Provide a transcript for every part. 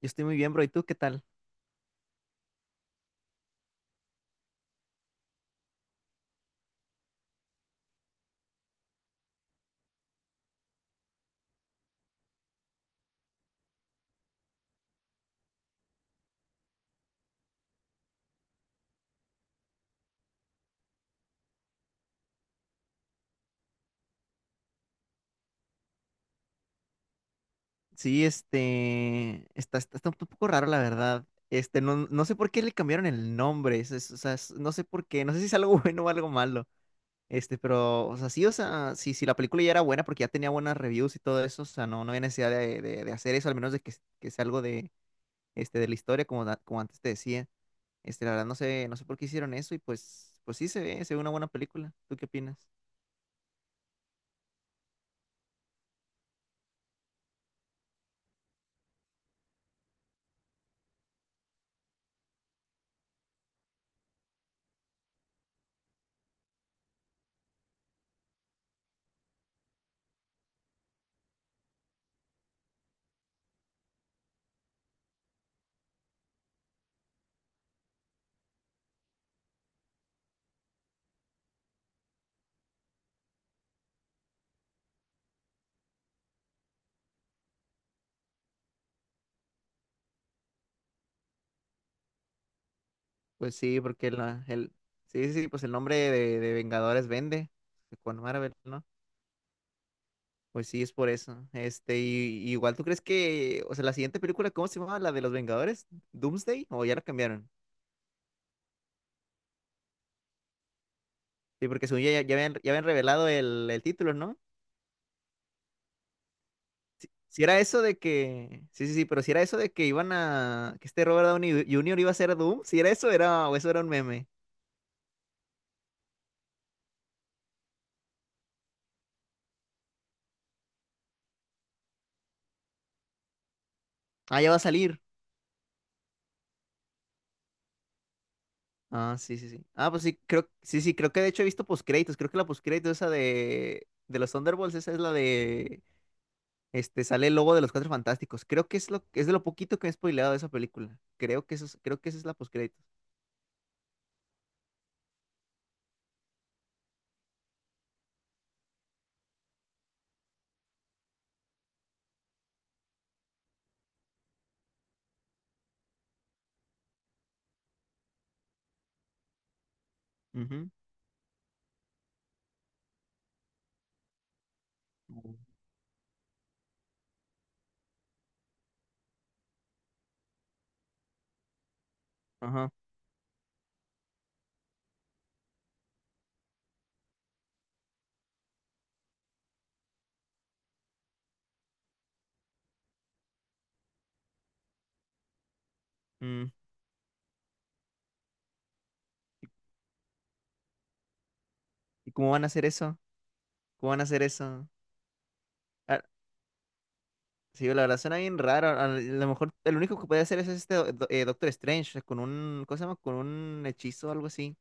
Yo estoy muy bien, bro. ¿Y tú qué tal? Sí, está un poco raro, la verdad. No, no sé por qué le cambiaron el nombre. O sea, no sé por qué. No sé si es algo bueno o algo malo. Pero, o sea, sí, sí, la película ya era buena porque ya tenía buenas reviews y todo eso. O sea, no, no había necesidad de hacer eso, al menos de que sea algo de, de la historia, como, como antes te decía. La verdad, no sé, no sé por qué hicieron eso y pues sí se ve una buena película. ¿Tú qué opinas? Pues sí, porque el- sí, sí, sí, pues el nombre de Vengadores vende con Marvel, ¿no? Pues sí, es por eso. Y igual tú crees que, o sea, la siguiente película, ¿cómo se llamaba? ¿La de los Vengadores? ¿Doomsday? ¿O ya la cambiaron? Sí, porque según ya habían revelado el título, ¿no? Si era eso de que, sí, sí, sí, pero si era eso de que iban a, que este Robert Downey Jr. iba a ser Doom, si era eso, era, o eso era un meme. Ah, ya va a salir. Ah, sí, sí, sí. Ah, pues sí, creo, sí, sí, creo que de hecho he visto postcréditos. Creo que la postcrédito esa de los Thunderbolts, esa es la de, sale el logo de los Cuatro Fantásticos. Creo que es lo, es de lo poquito que me he spoileado de esa película. Creo que eso, creo que esa es la postcréditos. Ujú. Mm. Ajá. Mm. ¿Y cómo van a hacer eso? ¿Cómo van a hacer eso? Ah, sí, la verdad suena bien raro. A lo mejor el único que puede hacer es Doctor Strange con un, ¿cómo se llama? Con un hechizo o algo así.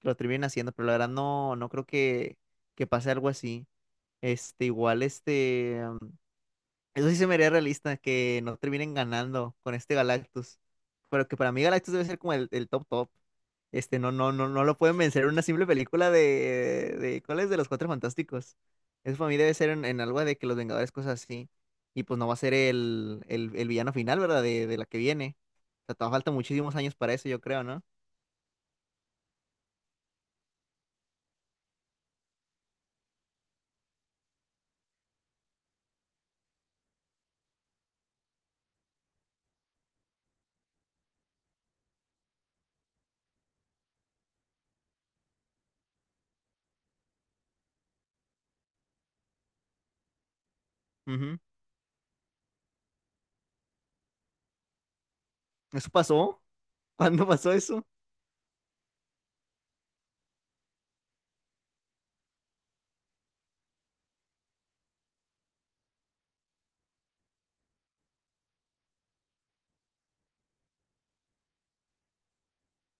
Que lo terminen haciendo, pero la verdad no, no creo que pase algo así. Igual, eso sí se me haría realista, que no terminen ganando con este Galactus. Pero que para mí Galactus debe ser como el top top. No, no, no, no lo pueden vencer en una simple película ¿cuál es? De los Cuatro Fantásticos. Eso para mí debe ser en algo de que los Vengadores, cosas así. Y pues no va a ser el villano final, ¿verdad? De la que viene. O sea, todavía falta muchísimos años para eso, yo creo, ¿no? Ujú. ¿Eso pasó? ¿Cuándo pasó eso?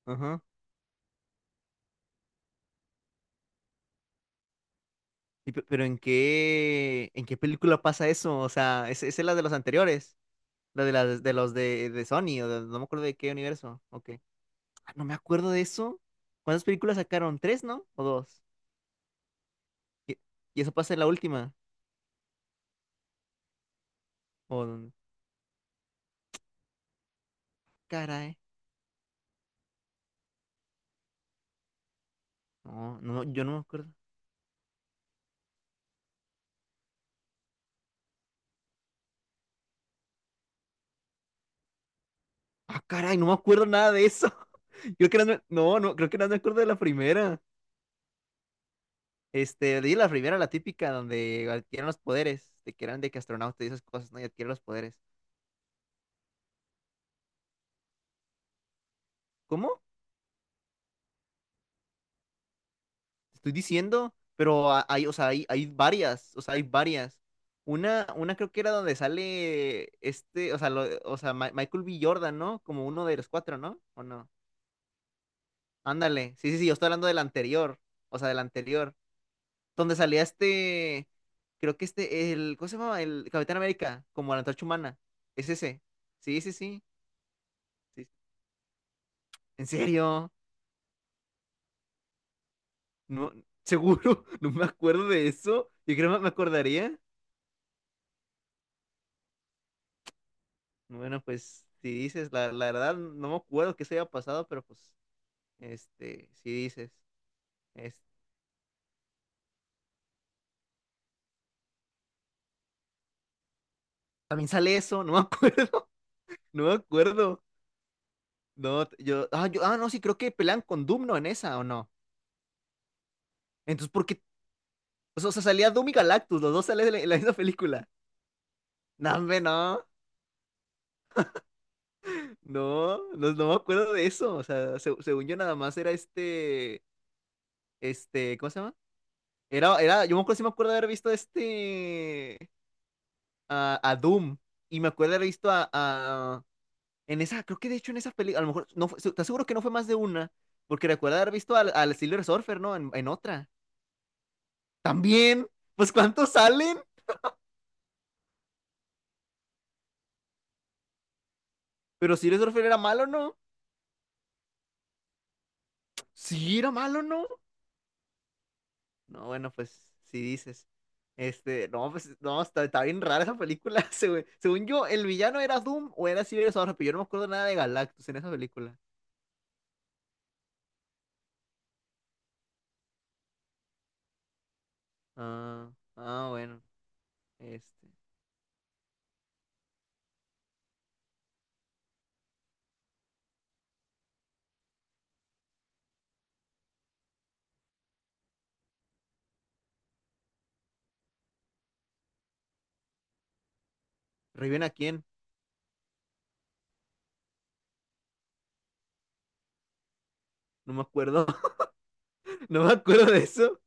Ajá. Y pero en qué película pasa eso? O sea, ¿esa es la de los anteriores? La de, las de los de Sony, no me acuerdo de qué universo. Ok. Ah, no me acuerdo de eso. ¿Cuántas películas sacaron? ¿Tres, no? ¿O dos? ¿Y, y eso pasa en la última? ¿O dónde? Caray. No, no, yo no me acuerdo. Ah, caray, no me acuerdo nada de eso. Creo que no, no, no, creo que no me acuerdo de la primera. Leí la primera, la típica, donde adquieren los poderes, de que eran de que astronauta y esas cosas, ¿no? Y adquieren los poderes. ¿Cómo? Te estoy diciendo, pero hay, o sea, hay varias, o sea, hay varias. Una creo que era donde sale o sea, o sea, Michael B. Jordan, ¿no? Como uno de los cuatro, ¿no? ¿O no? Ándale, sí, sí, sí, yo estoy hablando del anterior, o sea, del anterior, donde salía creo que ¿cómo se llama? El Capitán América, como la antorcha humana, es ese, sí, sí, sí, sí. ¿En serio? No, ¿seguro? No me acuerdo de eso, yo creo que me acordaría. Bueno, pues si dices, la verdad no me acuerdo que se haya pasado, pero pues, si dices, es- también sale eso, no me acuerdo, no me acuerdo. No, yo, ah, yo, ah, no, sí, creo que pelean con Doom, ¿no? En esa, ¿o no? Entonces, ¿por qué? O sea, salía Doom y Galactus, los dos salen en la misma película. No, hombre, no, no, no, no me acuerdo de eso, o sea, según yo nada más era ¿cómo se llama? Yo me acuerdo, sí me acuerdo de haber visto A Doom. Y me acuerdo haber visto en esa, creo que de hecho en esa película, a lo mejor, no fue, te aseguro que no fue más de una, porque recuerdo haber visto al Silver Surfer, ¿no? En otra. También. Pues ¿cuántos salen? Pero Silver Surfer era malo, ¿no? Sí, era malo, ¿no? No, bueno, pues si dices. No, pues no, está bien rara esa película. Según yo, el villano era Doom o era Silver Surfer, pero yo no me acuerdo nada de Galactus en esa película. Ah, ah, bueno. Este. ¿Reviven a quién? No me acuerdo. No me acuerdo de eso.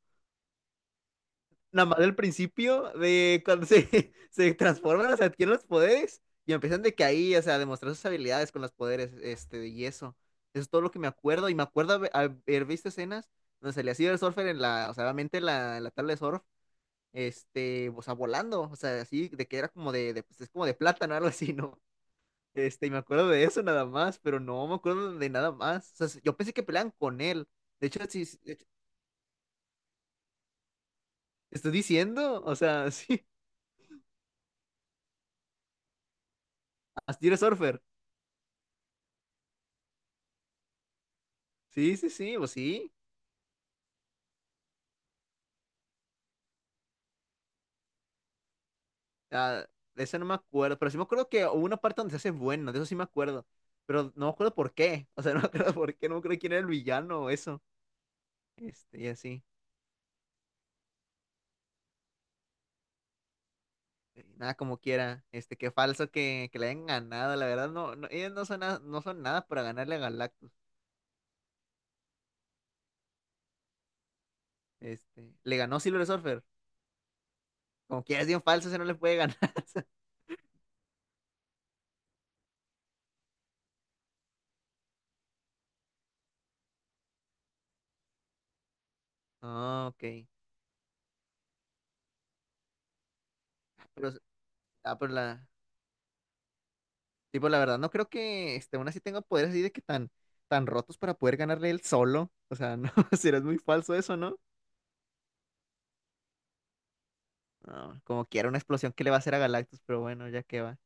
Nada más del principio de cuando se, se transforman, o sea, adquieren los poderes y empiezan de que ahí, o sea, a demostrar sus habilidades con los poderes, y eso. Eso es todo lo que me acuerdo. Y me acuerdo haber visto escenas donde salía Silver Surfer en la, o sea, obviamente en la tabla de surf, o sea, volando, o sea, así, de que era como de pues, es como de plátano, algo así, ¿no? Y me acuerdo de eso nada más, pero no me acuerdo de nada más. O sea, yo pensé que peleaban con él. De hecho, sí, sí, de hecho, te estoy diciendo, o sea, sí, Astiro Surfer. Sí, sí, sí, pues sí. Ah, de eso no me acuerdo. Pero sí me acuerdo que hubo una parte donde se hace bueno, de eso sí me acuerdo. Pero no me acuerdo por qué. O sea, no me acuerdo por qué, no me acuerdo quién era el villano o eso. Y así. Y nada como quiera. Qué falso que le hayan ganado. La verdad, no, no, ellos no son, no son nada para ganarle a Galactus. Le ganó Silver Surfer. Como quiera es bien falso, se no le puede ganar. Ah, ok. Pero, ah, pero la, tipo, la verdad, no creo que aún así tenga poderes así de que tan, tan rotos para poder ganarle él solo. O sea, no, será muy falso eso, ¿no? No, como quiera una explosión que le va a hacer a Galactus, pero bueno, ya que va.